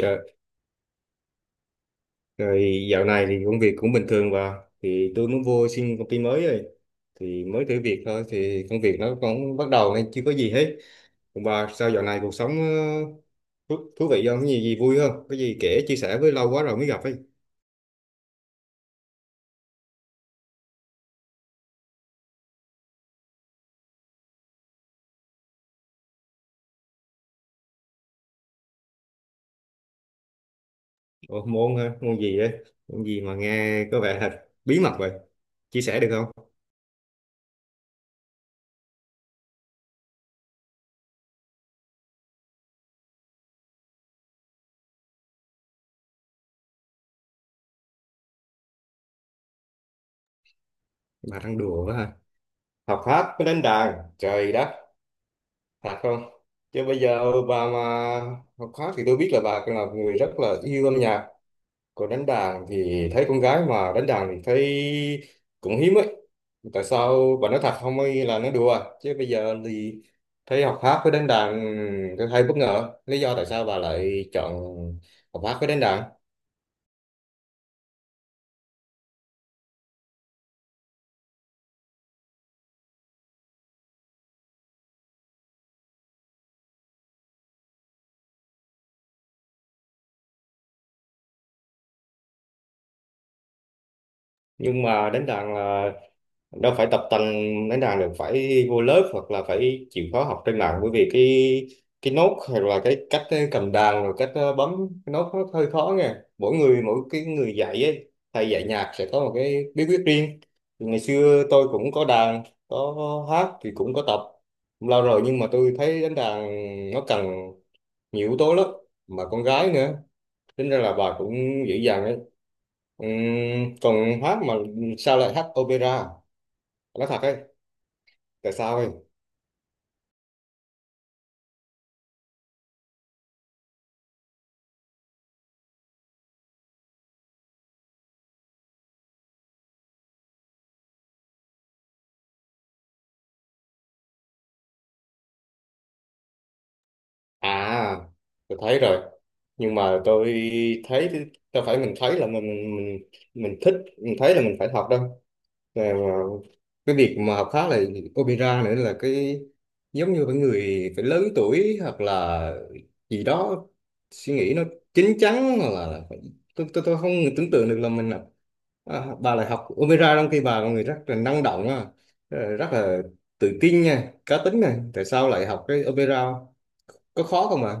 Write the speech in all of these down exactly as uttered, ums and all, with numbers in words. Rồi, rồi dạo này thì công việc cũng bình thường và thì tôi mới vô xin công ty mới rồi thì mới thử việc thôi thì công việc nó cũng bắt đầu nên chưa có gì hết. Còn bà sao dạo này cuộc sống ờ, thú, thú vị, không có gì gì vui, không có gì kể chia sẻ với, lâu quá rồi mới gặp ấy. Ủa, môn hả? Môn gì ấy, môn gì mà nghe có vẻ thật bí mật vậy, chia sẻ được không? Bà đang đùa quá hả, học hát mới đánh đàn trời đất, thật không? Chứ bây giờ bà mà học hát thì tôi biết là bà là một người rất là yêu âm nhạc. Còn đánh đàn thì thấy con gái mà đánh đàn thì thấy cũng hiếm ấy. Tại sao bà nói thật không ấy là nói đùa. Chứ bây giờ thì thấy học hát với đánh đàn tôi hay bất ngờ. Lý do tại sao bà lại chọn học hát với đánh đàn? Nhưng mà đánh đàn là đâu phải tập tành, đánh đàn được phải vô lớp hoặc là phải chịu khó học trên mạng, bởi vì cái cái nốt hay là cái cách cầm đàn, rồi cách ờ, bấm cái nốt nó hơi khó nha, mỗi người mỗi cái, người dạy ấy, thầy dạy nhạc sẽ có một cái bí quyết riêng. Thì ngày xưa tôi cũng có đàn, có hát thì cũng có tập lâu rồi, nhưng mà tôi thấy đánh đàn nó cần nhiều yếu tố lắm, mà con gái nữa, tính ra là bà cũng dữ dằn đấy. Ừm, còn hát mà sao lại hát opera, nói thật ấy, tại sao em? À, tôi thấy rồi, nhưng mà tôi thấy thì- đâu phải mình thấy là mình mình mình, mình thích, mình thấy là mình phải học đâu. Mà- mà cái việc mà học khác là opera nữa là cái giống như phải người phải lớn tuổi hoặc là gì đó, suy nghĩ nó chín chắn hoặc là phải- tôi tôi tôi không tưởng tượng được là mình là à, bà lại học opera trong khi bà là người rất là năng động á, rất là tự tin nha, cá tính này, tại sao lại học cái opera, có khó không ạ?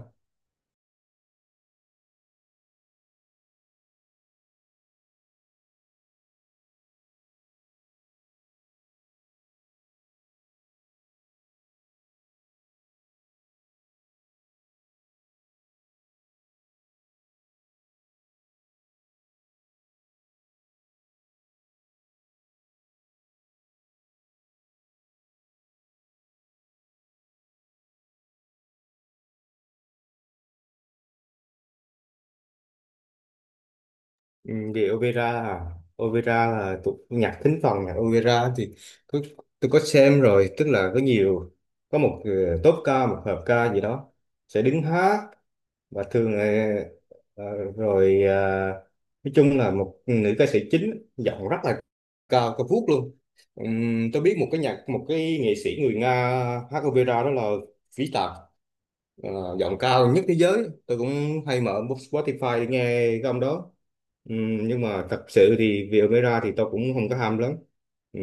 Ừ, vì opera à? Opera là tục nhạc thính phòng, nhạc opera thì có, tôi có xem rồi, tức là có nhiều, có một ờ, tốp ca, một hợp ca gì đó sẽ đứng hát, và thường ờ, ờ, rồi ờ, nói chung là một nữ ca sĩ chính giọng rất là cao cao vút luôn. Ừm, tôi biết một cái nhạc, một cái nghệ sĩ người Nga hát opera, đó là Vĩ Tạc, ờ, giọng cao nhất thế giới, tôi cũng hay mở Spotify để nghe cái ông đó. Ừm, nhưng mà thật sự thì về opera thì tôi cũng không có ham lắm. Ừm,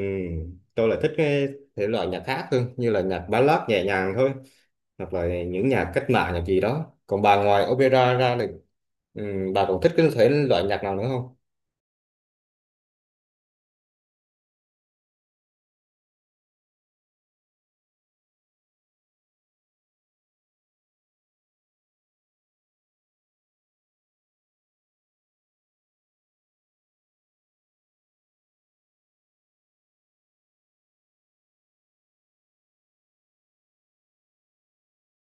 tôi lại thích cái thể loại nhạc khác hơn, như là nhạc ballad nhẹ nhàng thôi, hoặc là những nhạc cách mạng, nhạc gì đó. Còn bà, ngoài opera ra thì ừm, bà còn thích cái thể loại nhạc nào nữa không?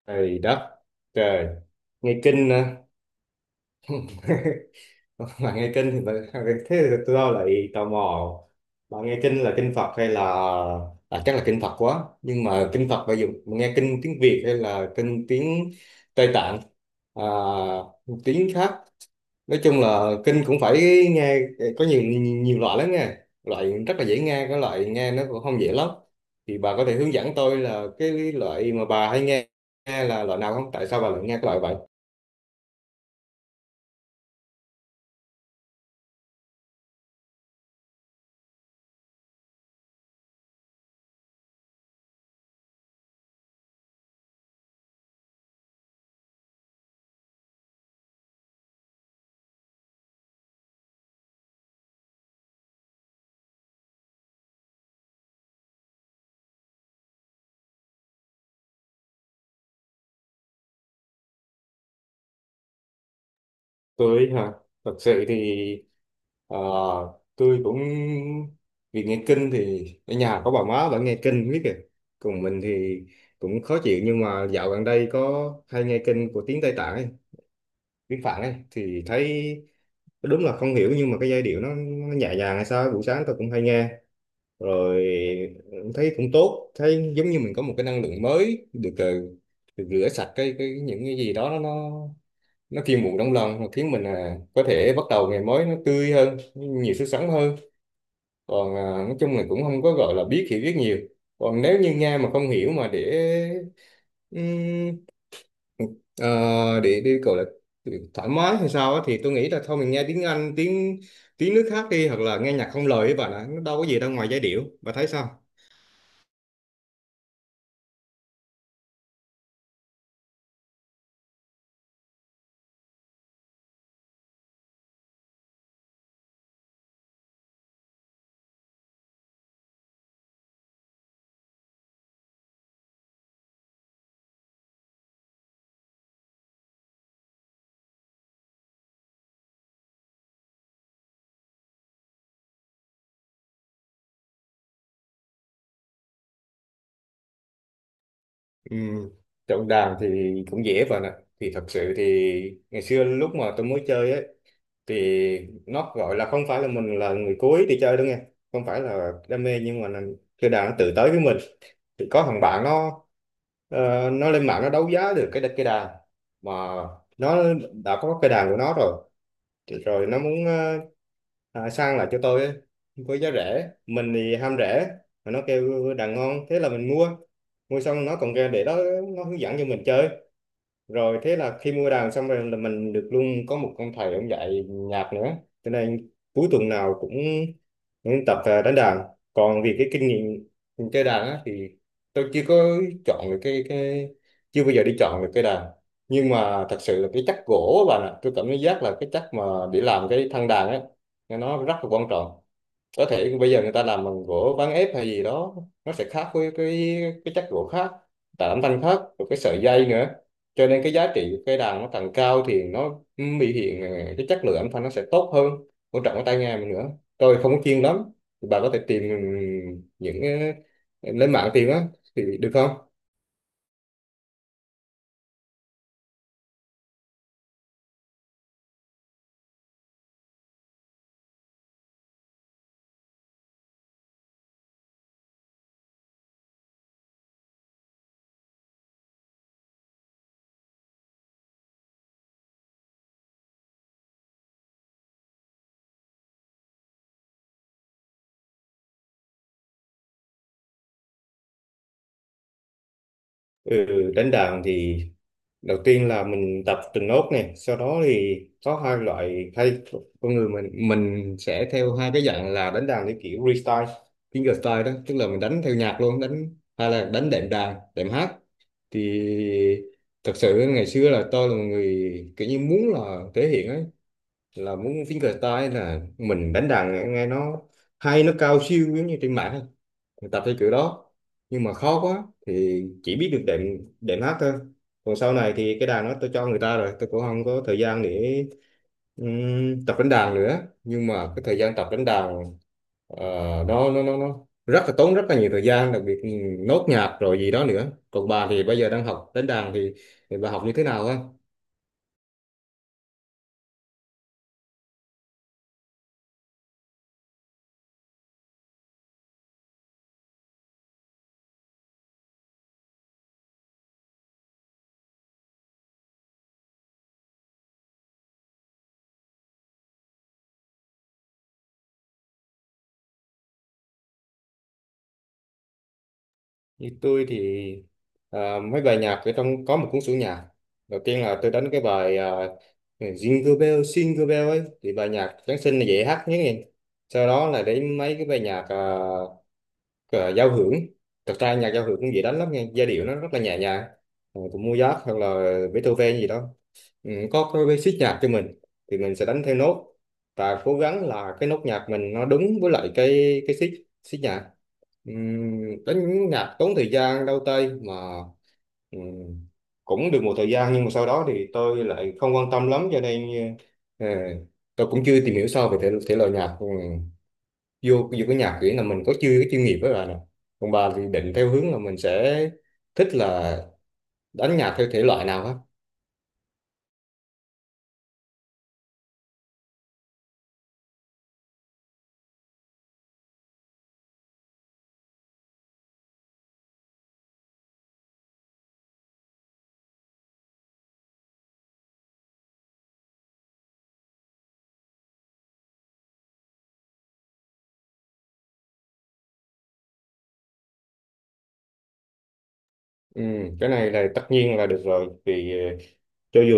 Trời đất, trời, nghe kinh à. Bà nghe kinh thì bà, thế thì tôi đâu lại tò mò, bà nghe kinh là kinh Phật hay là à, chắc là kinh Phật quá. Nhưng mà kinh Phật bây giờ bà nghe kinh tiếng Việt hay là kinh tiếng Tây Tạng, à, tiếng khác? Nói chung là kinh cũng phải nghe, có nhiều nhiều loại lắm nha, loại rất là dễ nghe, cái loại nghe nó cũng không dễ lắm. Thì bà có thể hướng dẫn tôi là cái loại mà bà hay nghe là loại nào không, tại sao bà lại nghe cái loại vậy? Tôi hả? Thật sự thì ờ, tôi cũng vì nghe kinh thì ở nhà có bà má vẫn nghe kinh biết kìa, còn mình thì cũng khó chịu, nhưng mà dạo gần đây có hay nghe kinh của tiếng Tây Tạng ấy, biết Phạm ấy, thì thấy đúng là không hiểu, nhưng mà cái giai điệu nó, nó nhẹ nhàng hay sao ấy, buổi sáng tôi cũng hay nghe rồi, thấy cũng tốt, thấy giống như mình có một cái năng lượng mới được ờ, được rửa sạch cái cái những cái gì đó, nó nó nó phiêu muộn trong lòng, nó khiến mình à, có thể bắt đầu ngày mới nó tươi hơn, nhiều sức sống hơn. Còn à, nói chung là cũng không có gọi là biết, hiểu biết nhiều. Còn nếu như nghe mà không hiểu mà để Ờ, để đi gọi là thoải mái hay sao á, thì tôi nghĩ là thôi mình nghe tiếng Anh, tiếng tiếng nước khác đi, hoặc là nghe nhạc không lời ấy bạn ạ, nó đâu có gì đâu ngoài giai điệu, bà thấy sao? Ừ. Chọn đàn thì cũng dễ bạn ạ, thì thật sự thì ngày xưa lúc mà tôi mới chơi ấy, thì nó gọi là không phải là mình là người cuối đi chơi đâu nghe, không phải là đam mê nhưng mà là chơi đàn nó tự tới với mình. Thì có thằng bạn nó ờ, nó lên mạng nó đấu giá được cái cái đàn mà nó đã có cái đàn của nó rồi. Thì rồi nó muốn ờ, à, sang lại cho tôi ấy, với giá rẻ, mình thì ham rẻ mà nó kêu đàn ngon, thế là mình mua. Mua xong nó còn ra để đó, nó hướng dẫn cho mình chơi, rồi thế là khi mua đàn xong rồi là mình được luôn có một ông thầy, ông dạy nhạc nữa, cho nên cuối tuần nào cũng, cũng tập à, đánh đàn. Còn vì cái kinh nghiệm mình chơi đàn á, thì tôi chưa có chọn được cái cái chưa bao giờ đi chọn được cái đàn, nhưng mà thật sự là cái chất gỗ á bạn ạ, tôi cảm giác là cái chất mà để làm cái thân đàn ấy nó rất là quan trọng. Có thể bây giờ người ta làm bằng gỗ ván ép hay gì đó, nó sẽ khác với cái cái chất gỗ khác, tạo âm thanh khác, rồi cái sợi dây nữa. Cho nên cái giá trị của cây đàn nó càng cao thì nó biểu hiện ờ, cái chất lượng âm thanh nó sẽ tốt hơn, quan trọng cái tai nghe mình nữa. Tôi không có chuyên lắm, bà có thể tìm những ờ, lên mạng tìm á, thì được không? Ừ, đánh đàn thì đầu tiên là mình tập từng nốt, này sau đó thì có hai loại, hai con người mình mình sẽ theo hai cái dạng là đánh đàn theo kiểu freestyle, fingerstyle đó, tức là mình đánh theo nhạc luôn, đánh hay là đánh đệm đàn, đệm hát. Thì thật sự ngày xưa là tôi là một người kiểu như muốn là thể hiện ấy, là muốn fingerstyle, là mình đánh đàn nghe nó hay, nó cao siêu giống như trên mạng ấy, mình tập theo kiểu đó. Nhưng mà khó quá thì chỉ biết được đệm đệm hát thôi. Còn sau này thì cái đàn đó tôi cho người ta rồi, tôi cũng không có thời gian để ừm, tập đánh đàn nữa. Nhưng mà cái thời gian tập đánh đàn ờ, nó nó nó nó rất là tốn, rất là nhiều thời gian, đặc biệt ừm, nốt nhạc rồi gì đó nữa. Còn bà thì bây giờ đang học đánh đàn thì, thì bà học như thế nào á? Như tôi thì à, mấy bài nhạc ở trong có một cuốn sổ nhạc. Đầu tiên là tôi đánh cái bài à, Jingle Bell, Jingle Bell ấy, thì bài nhạc Giáng sinh là dễ hát nhất nè. Sau đó là đến mấy cái bài nhạc ờ, ờ, giao hưởng, thật ra nhạc giao hưởng cũng dễ đánh lắm nha, giai điệu nó rất là nhẹ nhàng. Ờ, của Mozart hoặc là Beethoven gì đó, ừ, có có basic nhạc cho mình thì mình sẽ đánh theo nốt, và cố gắng là cái nốt nhạc mình nó đúng với lại cái cái xích, xích nhạc. Ừm, đánh nhạc tốn thời gian đau tay mà, ừm, cũng được một thời gian, nhưng mà sau đó thì tôi lại không quan tâm lắm, cho nên ờ, tôi cũng chưa tìm hiểu sâu về thể, thể loại nhạc. Ừ, vô vô cái nhạc kiểu là mình có chưa cái chuyên nghiệp với bà nè. Còn bà thì định theo hướng là mình sẽ thích là đánh nhạc theo thể loại nào á? Ừ, cái này là tất nhiên là được rồi, vì ờ, cho dù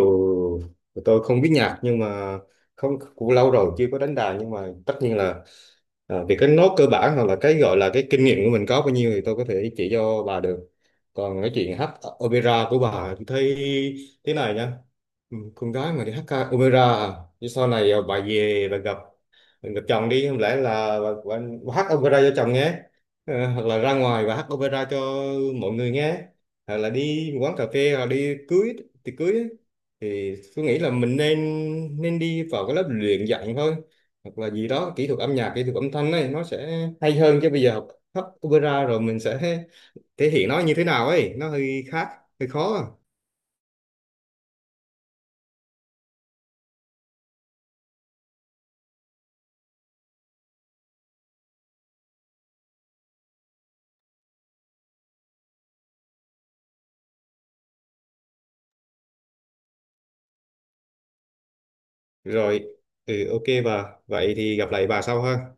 tôi không biết nhạc, nhưng mà không, cũng lâu rồi chưa có đánh đàn, nhưng mà tất nhiên là à, vì cái nốt cơ bản hoặc là cái gọi là cái kinh nghiệm của mình có bao nhiêu thì tôi có thể chỉ cho bà được. Còn cái chuyện hát opera của bà thì thấy thế này nha. Ừ, con gái mà đi hát ca opera à? Chứ sau này à, bà về bà gặp, bà gặp chồng đi không lẽ là bà, bà, bà hát opera cho chồng nghe. Ờ, hoặc là ra ngoài bà hát opera cho mọi người nghe, hoặc là đi quán cà phê hoặc đi cưới thì cưới ấy. Thì tôi nghĩ là mình nên nên đi vào cái lớp luyện dạy thôi, hoặc là gì đó kỹ thuật âm nhạc, kỹ thuật âm thanh ấy, nó sẽ hay hơn. Chứ bây giờ học hát opera rồi mình sẽ thể hiện nó như thế nào ấy, nó hơi khác, hơi khó. Rồi, ừ, ok bà, vậy thì gặp lại bà sau ha.